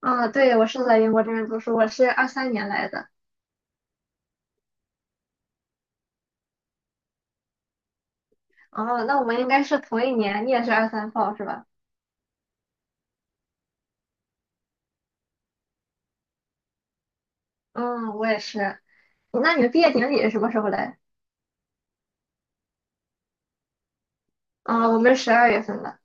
嗯，对，我是在英国这边读书，我是23年来的。哦，那我们应该是同一年，你也是23号是吧？嗯，我也是。那你们毕业典礼是什么时候来？啊、我们12月份的。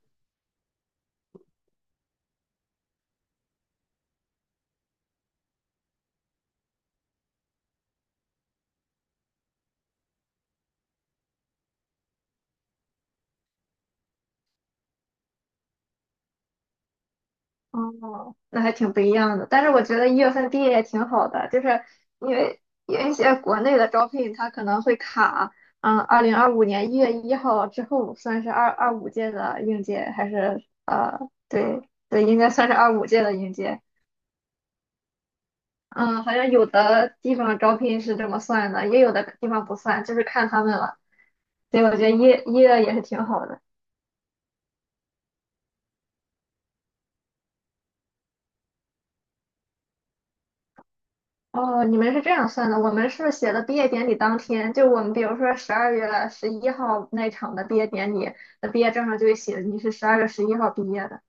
哦，那还挺不一样的。但是我觉得1月份毕业也挺好的，就是因为有一些国内的招聘它可能会卡，嗯，2025年1月1号之后算是二二五届的应届，还是对对，应该算是二五届的应届。嗯，好像有的地方招聘是这么算的，也有的地方不算，就是看他们了。所以我觉得一月也是挺好的。哦，你们是这样算的，我们是写的毕业典礼当天，就我们比如说十二月十一号那场的毕业典礼。那毕业证上就会写你是十二月十一号毕业的。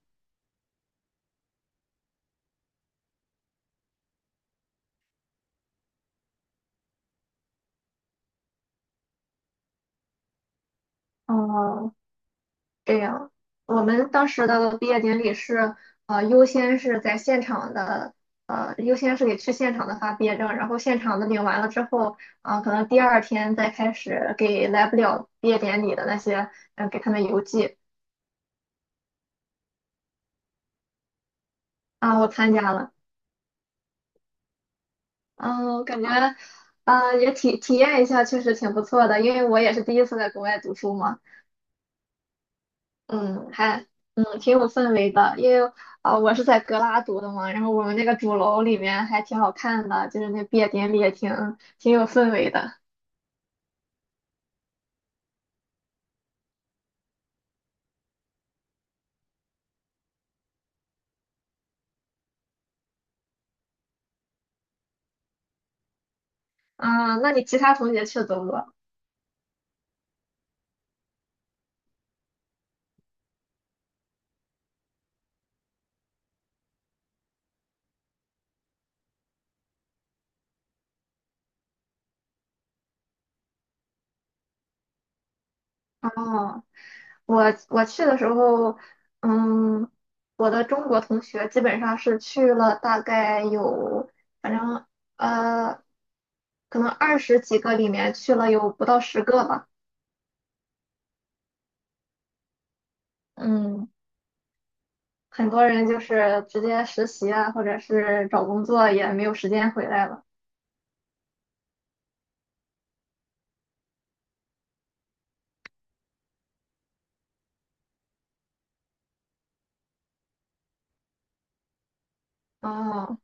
哦，这样，我们当时的毕业典礼是，优先是在现场的，优先是给去现场的发毕业证，然后现场的领完了之后，啊、可能第二天再开始给来不了毕业典礼的那些，给他们邮寄。啊、我参加了，嗯、我感觉，啊、也体验一下，确实挺不错的，因为我也是第一次在国外读书嘛。嗯，还挺有氛围的，因为啊、我是在格拉读的嘛，然后我们那个主楼里面还挺好看的，就是那毕业典礼也挺有氛围的。啊，那你其他同学去的多不多？哦，我我去的时候，嗯，我的中国同学基本上是去了大概有，反正呃，可能20几个里面去了有不到10个吧。嗯。很多人就是直接实习啊，或者是找工作也没有时间回来了。哦，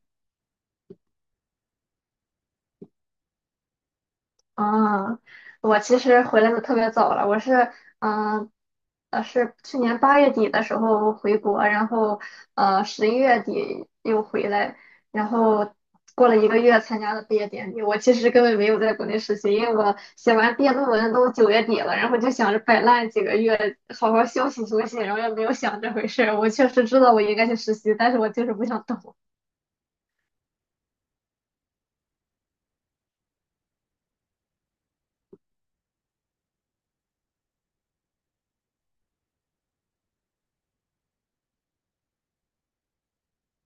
啊，我其实回来的特别早了，我是嗯是去年8月底的时候回国，然后11月底又回来，然后过了一个月参加了毕业典礼。我其实根本没有在国内实习，因为我写完毕业论文都九月底了，然后就想着摆烂几个月，好好休息休息，然后也没有想这回事儿。我确实知道我应该去实习，但是我就是不想动。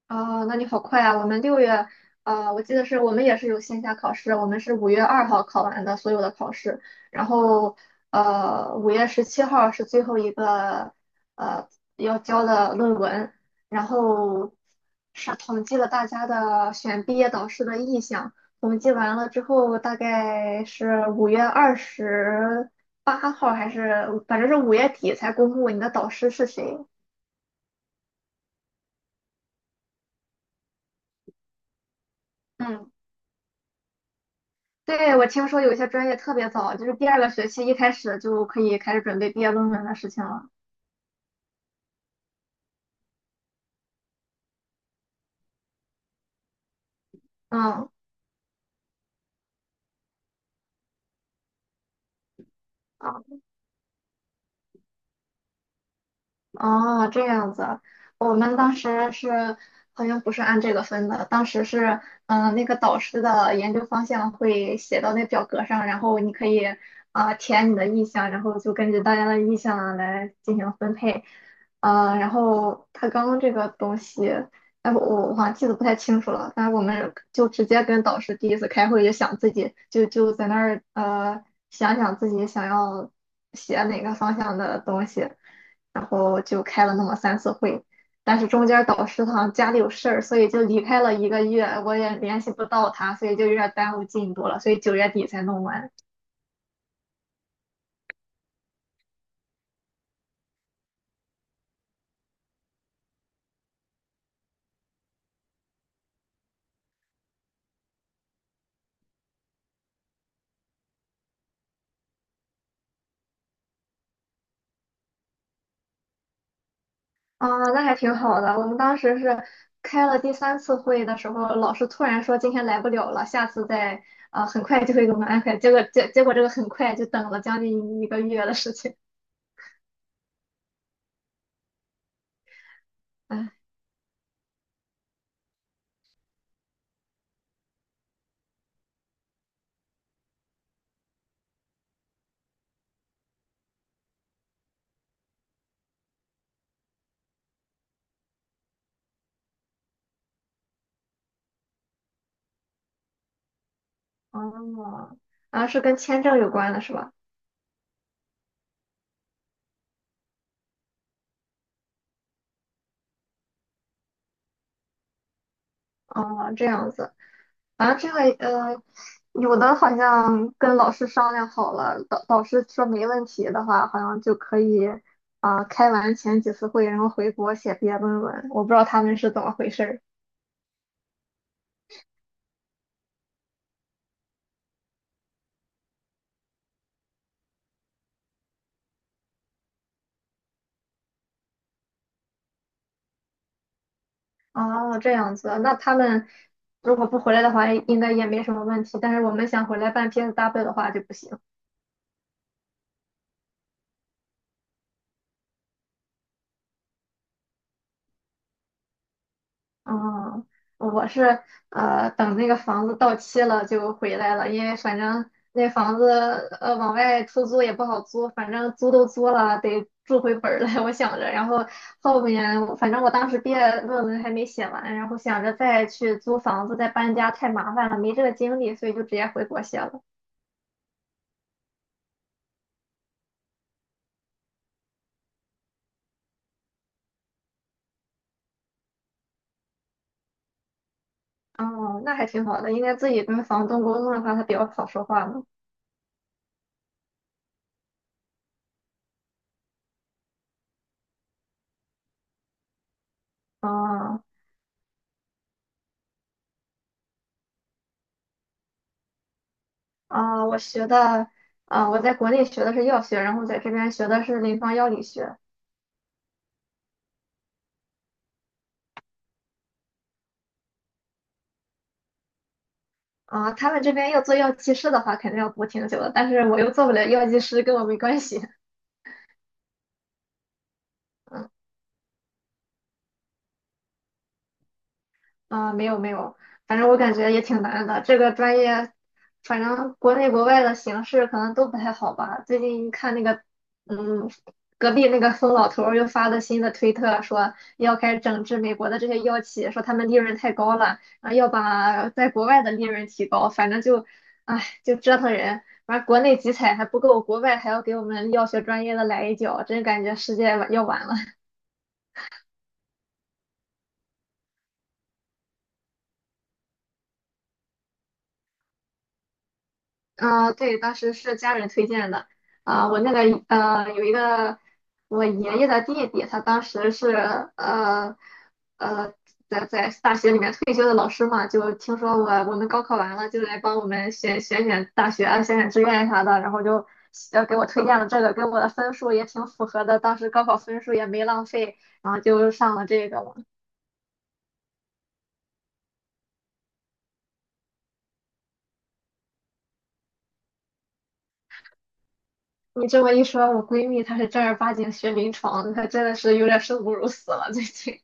啊，那你好快啊！我们6月，啊，我记得是我们也是有线下考试，我们是5月2号考完的所有的考试，然后5月17号是最后一个呃要交的论文，然后是统计了大家的选毕业导师的意向，统计完了之后，大概是5月28号还是反正是5月底才公布你的导师是谁。嗯。对，我听说有一些专业特别早，就是第二个学期一开始就可以开始准备毕业论文的事情了。嗯，啊。哦，这样子，我们当时是好像不是按这个分的，当时是那个导师的研究方向会写到那表格上，然后你可以啊、填你的意向，然后就根据大家的意向来进行分配，然后他刚这个东西，哎，我好像记得不太清楚了，但是我们就直接跟导师第一次开会就想自己就在那儿想想自己想要写哪个方向的东西。然后就开了那么三次会，但是中间导师好像家里有事儿，所以就离开了一个月，我也联系不到他，所以就有点耽误进度了，所以九月底才弄完。啊，那还挺好的。我们当时是开了第三次会的时候，老师突然说今天来不了了，下次再啊、很快就会给我们安排。结果这个很快就等了将近一个月的事情。哎，哦，啊，是跟签证有关的是吧？哦，这样子。反正这个有的好像跟老师商量好了，导师说没问题的话，好像就可以啊、开完前几次会，然后回国写毕业论文。我不知道他们是怎么回事儿。哦，这样子，那他们如果不回来的话，应该也没什么问题。但是我们想回来办 PSW 的话就不行。嗯，我是等那个房子到期了就回来了，因为反正那房子往外出租也不好租，反正租都租了，得住回本儿来，我想着。然后后面我反正我当时毕业论文还没写完，然后想着再去租房子再搬家太麻烦了，没这个精力，所以就直接回国写了。哦，那还挺好的，应该自己跟房东沟通的话，他比较好说话嘛。哦。啊、我学的，啊、我在国内学的是药学，然后在这边学的是临床药理学。啊、他们这边要做药剂师的话，肯定要读挺久的，但是我又做不了药剂师，跟我没关系。啊、没有没有，反正我感觉也挺难的。这个专业，反正国内国外的形势可能都不太好吧。最近看那个，嗯，隔壁那个疯老头儿又发了新的推特，说要开始整治美国的这些药企，说他们利润太高了，然后要把在国外的利润提高。反正就，唉，就折腾人。完，国内集采还不够，国外还要给我们药学专业的来一脚，真感觉世界要完了。啊，对，当时是家人推荐的。啊、我那个有一个我爷爷的弟弟，他当时是呃呃在大学里面退休的老师嘛，就听说我们高考完了，就来帮我们选选大学啊，选选志愿啥的，然后就给我推荐了这个，跟我的分数也挺符合的，当时高考分数也没浪费，然后就上了这个了。你这么一说，我闺蜜她是正儿八经学临床的，她真的是有点生不如死了，最近。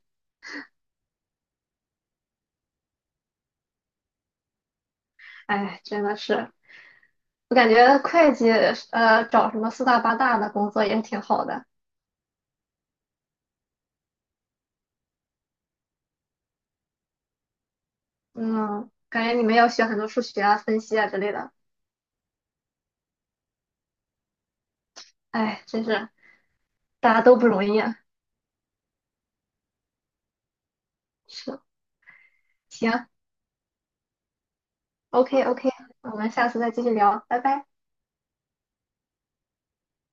哎，真的是，我感觉会计找什么四大八大的工作也是挺好的。嗯，感觉你们要学很多数学啊、分析啊之类的。哎，真是大家都不容易啊。是，行，OK OK，我们下次再继续聊，拜拜。